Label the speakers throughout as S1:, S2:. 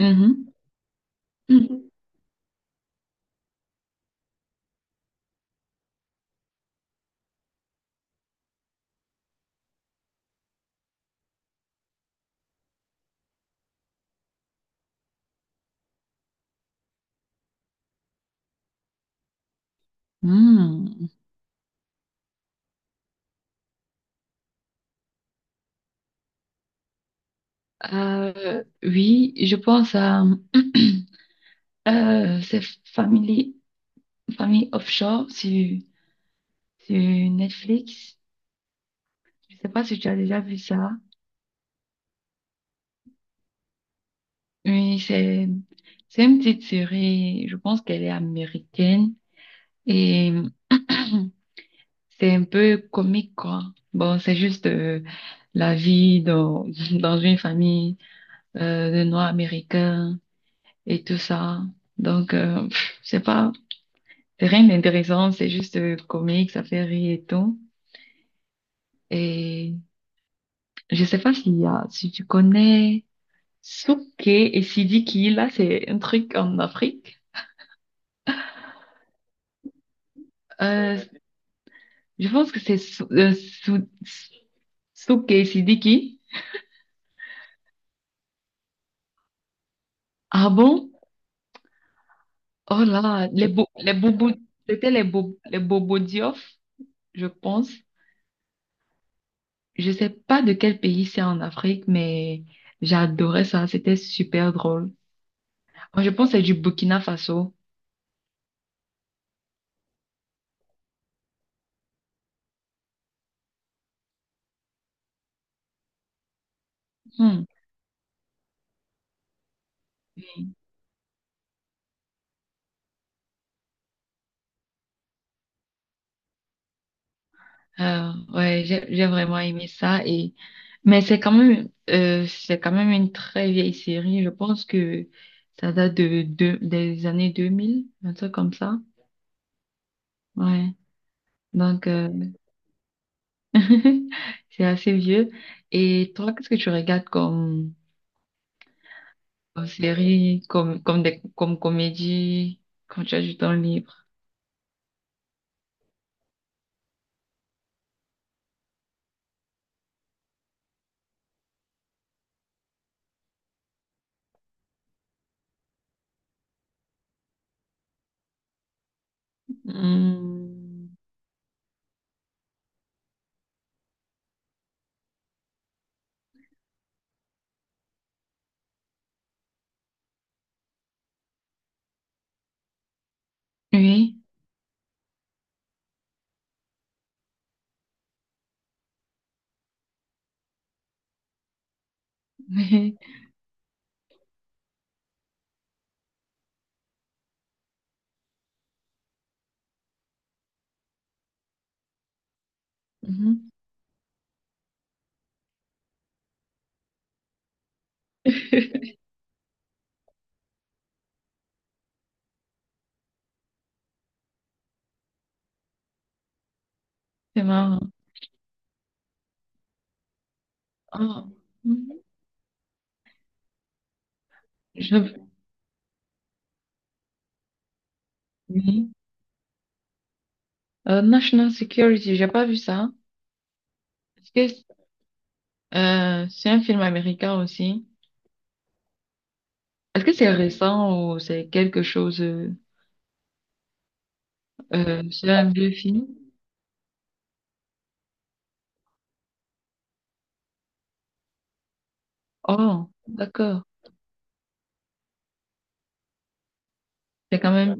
S1: Mhm. Mhm. Mhm. Oui, je pense à c'est Family, Family Offshore sur, sur Netflix. Je sais pas si tu as déjà vu ça. Oui, c'est une petite série. Je pense qu'elle est américaine et c'est un peu comique quoi. Bon, c'est juste la vie dans dans une famille de Noirs américains. Et tout ça. Donc, c'est pas, c'est rien d'intéressant, c'est juste comique, ça fait rire et tout. Et je sais pas s'il y a, si tu connais Souké et Sidiki, là, c'est un truc en Afrique. Euh, je pense que c'est Souké et Sidiki. Ah bon? Oh là, les bo les Bobos c'était les Bobos Diof, je pense. Je sais pas de quel pays c'est en Afrique, mais j'adorais ça, c'était super drôle. Oh, je pense que c'est du Burkina Faso. Hmm. Ouais, j'ai vraiment aimé ça et mais c'est quand même une très vieille série. Je pense que ça date de des années 2000 un truc comme ça. Ouais. Donc c'est assez vieux. Et toi, qu'est-ce que tu regardes comme série, comme comme des comme comédie quand tu as du temps libre? Hmm. Oui. Mhm. C'est marrant. Ah, mhm. j'avais- oui. National Security, j'ai pas vu ça. Est-ce que c'est un film américain aussi? Est-ce que c'est récent ou c'est quelque chose... c'est un vieux film? Oh, d'accord. C'est quand même...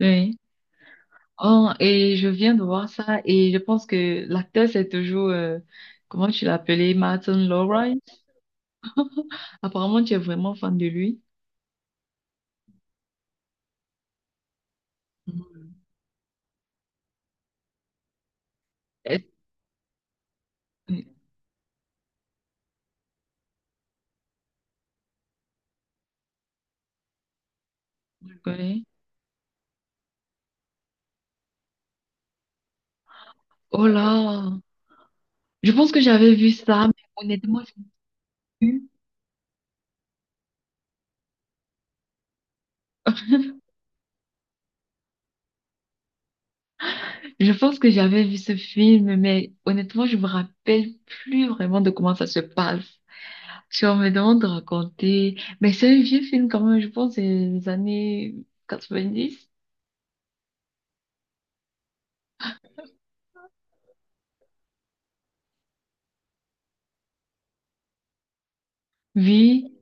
S1: Oui. Oh, et je viens de voir ça et je pense que l'acteur, c'est toujours... comment tu l'appelais? Martin Lawrence? Apparemment, tu es vraiment fan de lui. Mhm. Est-ce- Je le connais. Oh là! Je pense que j'avais vu ça, mais honnêtement, je pense que j'avais vu ce film, mais honnêtement, je me rappelle plus vraiment de comment ça se passe. Si on me demande de raconter, mais c'est un vieux film quand même, je pense, c'est les années 90. Oui.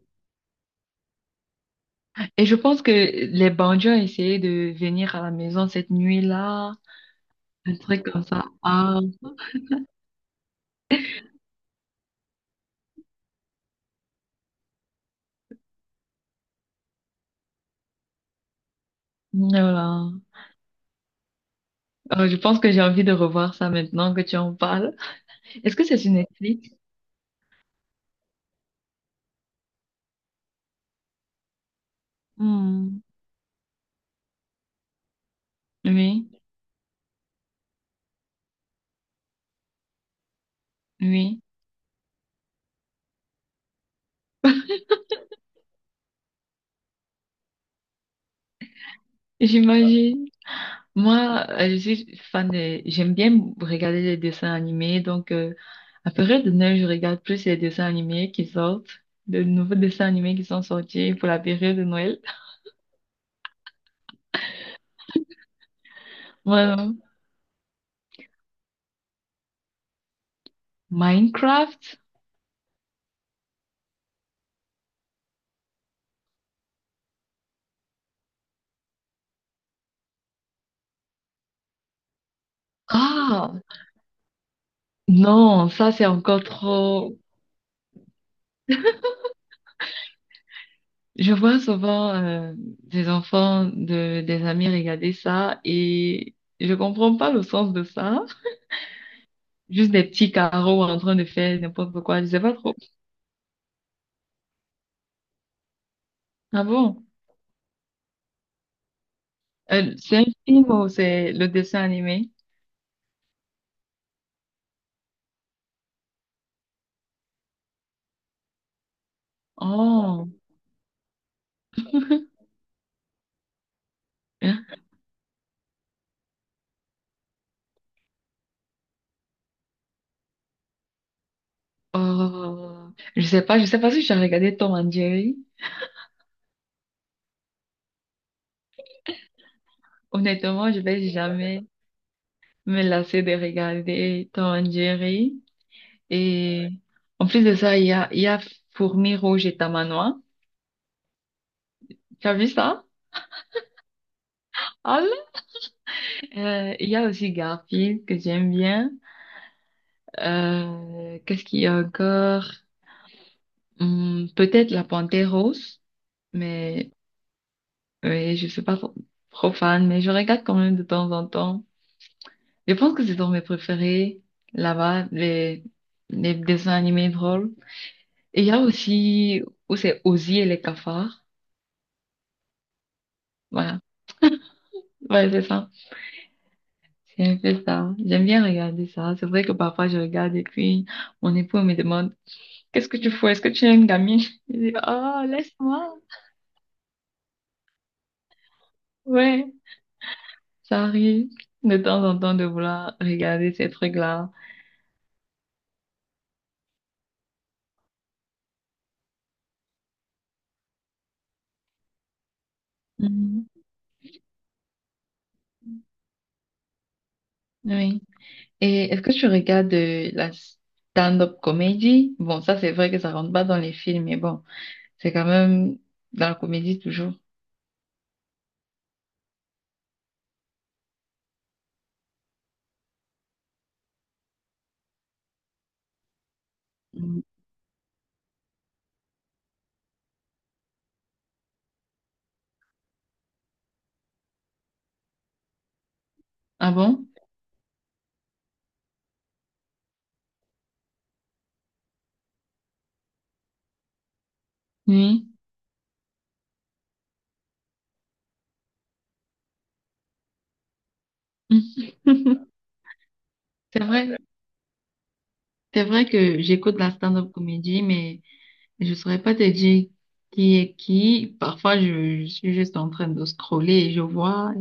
S1: Et je pense que les bandits ont essayé de venir à la maison cette nuit-là, un truc comme ça. Ah, voilà. Je pense que j'ai envie de revoir ça maintenant que tu en parles. Est-ce que c'est sur Netflix? Hmm. Oui, oui. J'imagine. Moi, je suis fan des... J'aime bien regarder les dessins animés. Donc, à période de Noël, je regarde plus les dessins animés qui sortent, de nouveaux dessins animés qui sont sortis pour la période de Noël. Voilà. Minecraft? Ah! Non, ça, c'est encore trop... Je vois souvent des enfants de des amis regarder ça et je comprends pas le sens de ça. Juste des petits carreaux en train de faire n'importe quoi, je sais pas trop. Ah bon? C'est un film ou c'est le dessin animé? Oh, hein? Oh, je sais pas si j'ai regardé Tom and Jerry. Honnêtement, je vais jamais me lasser de regarder Tom and Jerry. Et en plus de ça, il y a Fourmi Rouge et Tamanois. Tu as vu ça? Ah là. Il y a aussi Garfield que j'aime bien. Qu'est-ce qu'il y a encore? Peut-être La Panthère Rose, mais Oui, je suis pas trop fan, mais je regarde quand même de temps en temps. Je pense que c'est dans mes préférés, là-bas, les dessins animés drôles. Et il y a aussi où c'est Ozzy et les cafards. Voilà. Ouais, c'est ça. C'est un peu ça. J'aime bien regarder ça. C'est vrai que parfois je regarde et puis mon époux me demande, qu'est-ce que tu fais? Est-ce que tu es une gamine? Je dis, oh, laisse-moi. Ouais, ça arrive de temps en temps de vouloir regarder ces trucs-là. Mhm. Oui. Et est-ce que tu regardes la stand-up comédie? Bon, ça c'est vrai que ça rentre pas dans les films, mais bon, c'est quand même dans la comédie toujours. Mm. Ah bon? Oui. C'est vrai, c'est vrai que j'écoute la stand-up comédie, mais je saurais pas te dire qui est qui. Parfois, je suis juste en train de scroller et je vois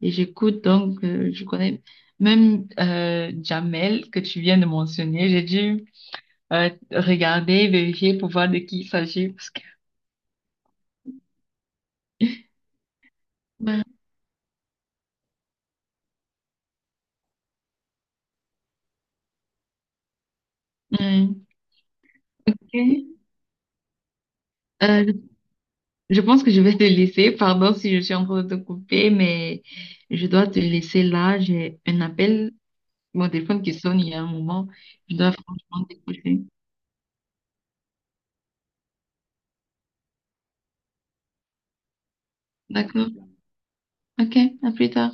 S1: et j'écoute. Donc, je connais même Jamel que tu viens de mentionner. J'ai dû regarder, vérifier pour voir de qui il s'agit. Parce que... Ouais. Ouais. Ok. Euh, je je pense que je vais te laisser. Pardon si je suis en train de te couper, mais je dois te laisser là. J'ai un appel, mon téléphone qui sonne il y a un moment. Je dois franchement décrocher. D'accord. Ok, à plus tard.